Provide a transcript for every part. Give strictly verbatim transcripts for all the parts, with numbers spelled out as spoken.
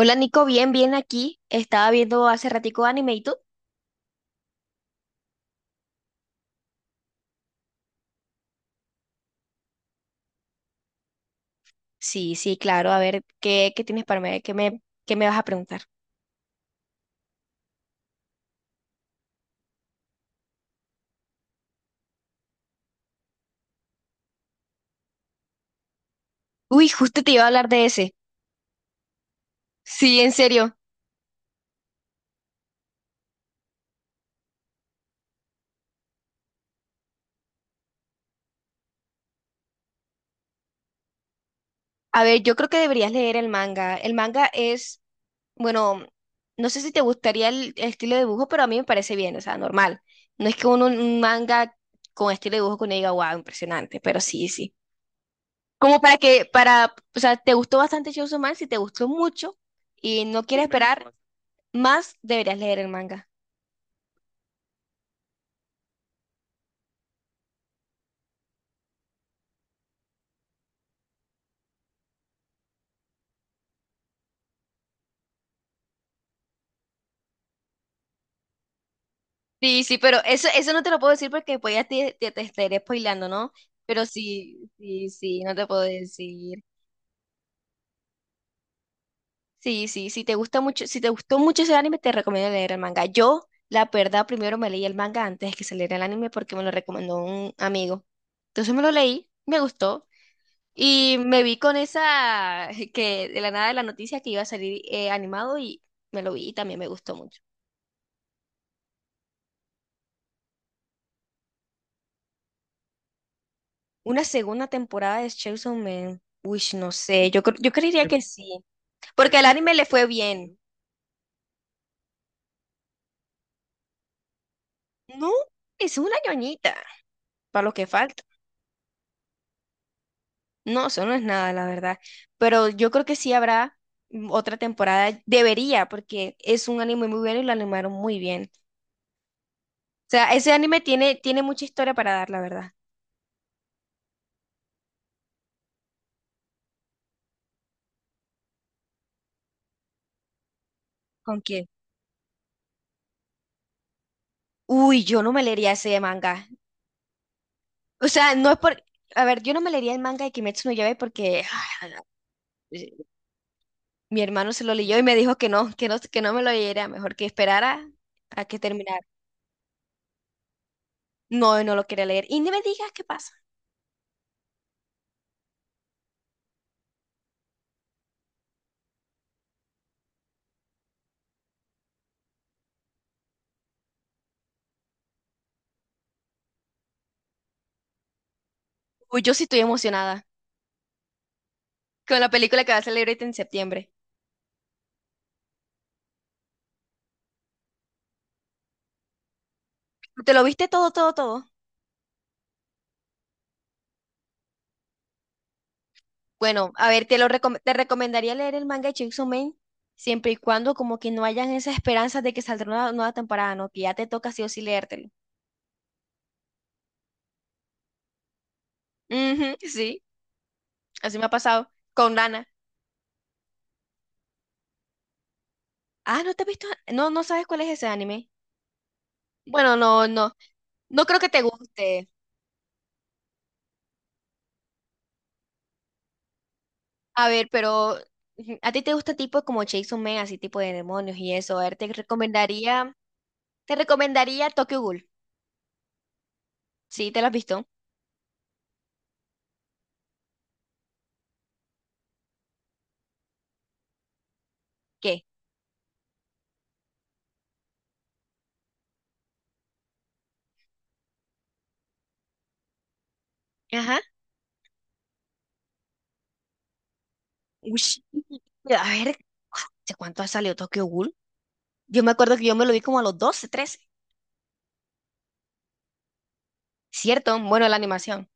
Hola Nico, bien, bien aquí. Estaba viendo hace ratico anime, ¿y tú? Sí, sí, claro. A ver, ¿qué, qué tienes para mí? ¿Qué me, qué me vas a preguntar? Uy, justo te iba a hablar de ese. Sí, en serio. A ver, yo creo que deberías leer el manga. El manga es, bueno, no sé si te gustaría el, el estilo de dibujo, pero a mí me parece bien, o sea, normal. No es que uno, un manga con estilo de dibujo que uno diga, wow, impresionante, pero sí, sí. Como para que, para, o sea, te gustó bastante Chainsaw Man, si te gustó mucho y no quieres esperar, más deberías leer el manga. Sí, sí, pero eso, eso no te lo puedo decir porque después ya te, te, te estaré spoilando, ¿no? Pero sí, sí, sí, no te puedo decir. Sí, sí, si te gusta mucho, si te gustó mucho ese anime, te recomiendo leer el manga. Yo, la verdad, primero me leí el manga antes de que se leera el anime porque me lo recomendó un amigo. Entonces me lo leí, me gustó y me vi con esa que de la nada de la noticia que iba a salir eh, animado, y me lo vi y también me gustó mucho. ¿Una segunda temporada de Chainsaw Man? Uy, no sé, yo, cre- yo creería que sí, porque el anime le fue bien. No, es una ñoñita, para lo que falta. No, eso no es nada, la verdad. Pero yo creo que sí habrá, mm, otra temporada. Debería, porque es un anime muy bueno y lo animaron muy bien. O sea, ese anime tiene, tiene mucha historia para dar, la verdad. ¿Con qué? Uy, yo no me leería ese manga. O sea, no es por... A ver, yo no me leería el manga de Kimetsu no Yaiba porque... Mi hermano se lo leyó y me dijo que no, que no, que no me lo leyera, mejor que esperara a que terminara. No, no lo quería leer. Y ni me digas qué pasa. Uy, yo sí estoy emocionada con la película que va a salir ahorita en septiembre. ¿Te lo viste todo, todo, todo? Bueno, a ver, te lo recom- te recomendaría leer el manga de Chainsaw Man siempre y cuando como que no hayan esas esperanzas de que saldrá una nueva temporada, ¿no? Que ya te toca sí o sí leértelo. Ujú, sí, así me ha pasado con Nana. Ah, ¿no te has visto? No, no sabes cuál es ese anime. Bueno, no, no, no creo que te guste. A ver, pero ujú, ¿a ti te gusta tipo como Jason Man, así tipo de demonios y eso? A ver, te recomendaría, te recomendaría Tokyo Ghoul. ¿Sí? ¿Te lo has visto? ¿Qué? Ajá. Ush, a ver, ¿hace cuánto ha salido Tokyo Ghoul? Yo me acuerdo que yo me lo vi como a los doce, trece. ¿Cierto? Bueno, la animación.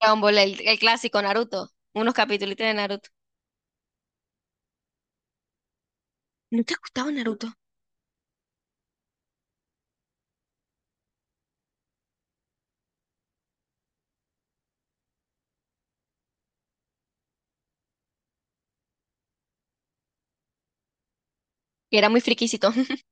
Dragon Ball, el, el clásico Naruto. Unos capítulos de Naruto. ¿No te gustaba Naruto? Y era muy friquisito.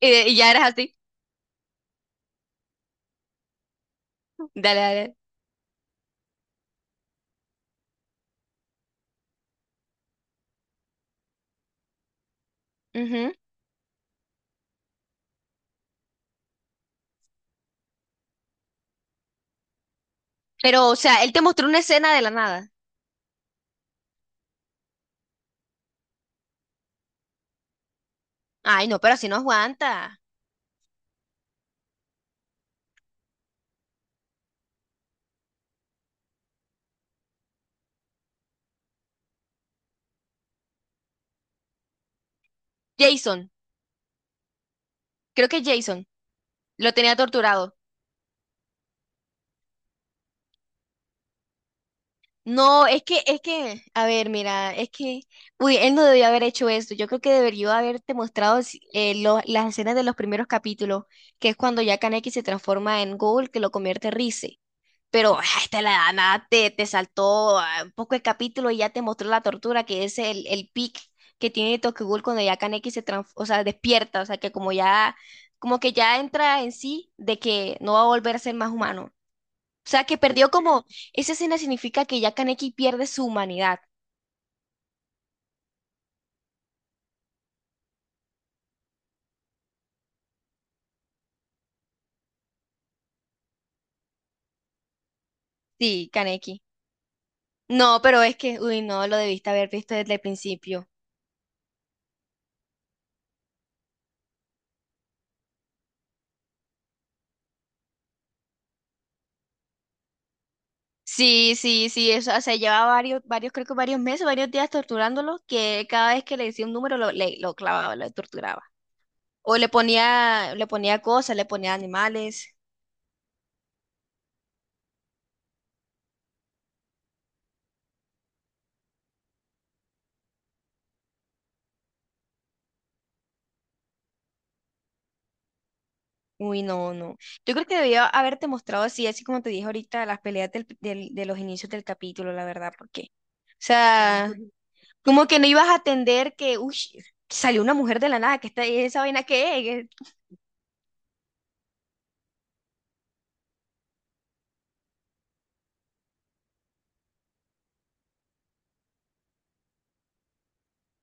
Y, de- y ya eras así. Dale, dale. Ujú. Pero, o sea, él te mostró una escena de la nada. Ay, no, pero así no aguanta. Jason. Creo que Jason lo tenía torturado. No, es que, es que, a ver, mira, es que, uy, él no debió haber hecho esto. Yo creo que debería haberte mostrado si- eh, lo- las escenas de los primeros capítulos, que es cuando ya Kaneki se transforma en Ghoul, que lo convierte en Rize. Pero ah, esta la edad, nada, te, te saltó ah, un poco el capítulo y ya te mostró la tortura, que es el, el pic que tiene Tokyo Ghoul cuando ya Kaneki se trans- o sea, despierta, o sea, que como ya, como que ya entra en sí de que no va a volver a ser más humano. O sea, que perdió como, esa escena significa que ya Kaneki pierde su humanidad. Sí, Kaneki. No, pero es que, uy, no, lo debiste haber visto desde el principio. Sí, sí, sí, eso, o sea, llevaba varios, varios, creo que varios meses, varios días torturándolo, que cada vez que le decía un número lo, le, lo clavaba, lo torturaba. O le ponía, le ponía cosas, le ponía animales. Uy, no, no. Yo creo que debía haberte mostrado así, así como te dije ahorita, las peleas del- del- de los inicios del capítulo, la verdad, porque, o sea... Como que no ibas a atender que, uy, salió una mujer de la nada, que está esa vaina que es.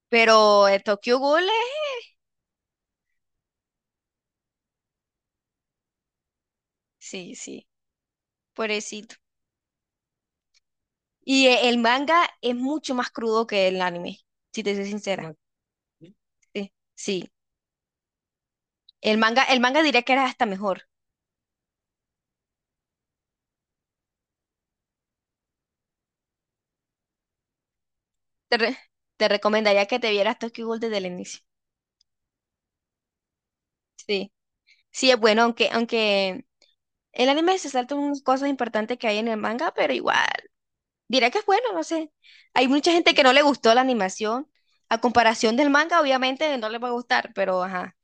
Pero eh, Tokyo Ghoul es... sí, sí, pobrecito. Y eh, el manga es mucho más crudo que el anime, si te soy sincera. Ah, sí. Sí, sí. El manga, el manga diría que era hasta mejor. Te, re- Te recomendaría que te vieras Tokyo Ghoul desde el inicio. Sí. Sí, es bueno, aunque, aunque el anime se salta unas cosas importantes que hay en el manga, pero igual. Diré que es bueno, no sé. Hay mucha gente que no le gustó la animación. A comparación del manga, obviamente no le va a gustar, pero ajá.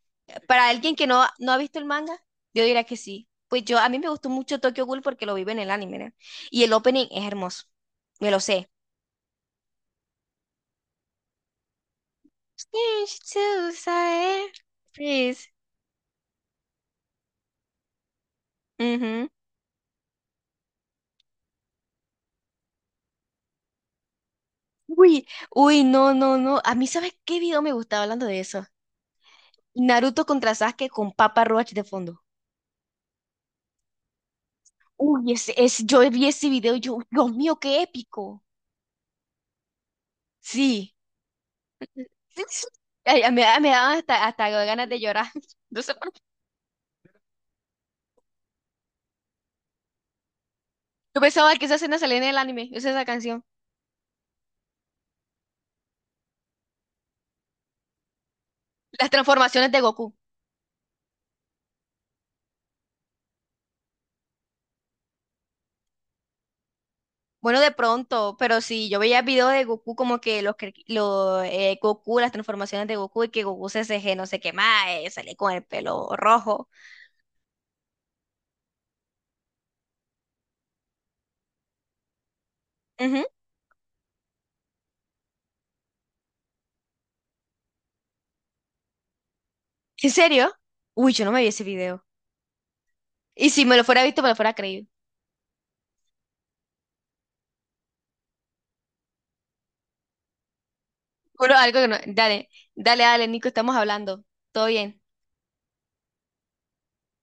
Para alguien que no, no ha visto el manga, yo diría que sí. Pues yo, a mí me gustó mucho Tokyo Ghoul porque lo vive en el anime, ¿no? Y el opening es hermoso. Me lo sé. Please. Ujú. Uy, uy, no, no, no. A mí, ¿sabes qué video me gustaba hablando de eso? Naruto contra Sasuke con Papa Roach de fondo. Uy, ese, es, yo vi ese video y yo, Dios mío, qué épico. Sí, sí. Ay, a- me, da- me daban hasta, hasta ganas de llorar. No sé por qué. Yo pensaba que esa escena salía en el anime, esa esa canción. Las transformaciones de Goku. Bueno, de pronto, pero sí, yo veía videos de Goku como que los, cre- los eh, Goku, las transformaciones de Goku y que Goku se C G, no sé qué más, eh, salía con el pelo rojo. Ujú. ¿En serio? Uy, yo no me vi ese video. Y si me lo fuera visto, me lo fuera creído. Bueno, algo que no. Dale, dale, dale, Nico, estamos hablando. Todo bien.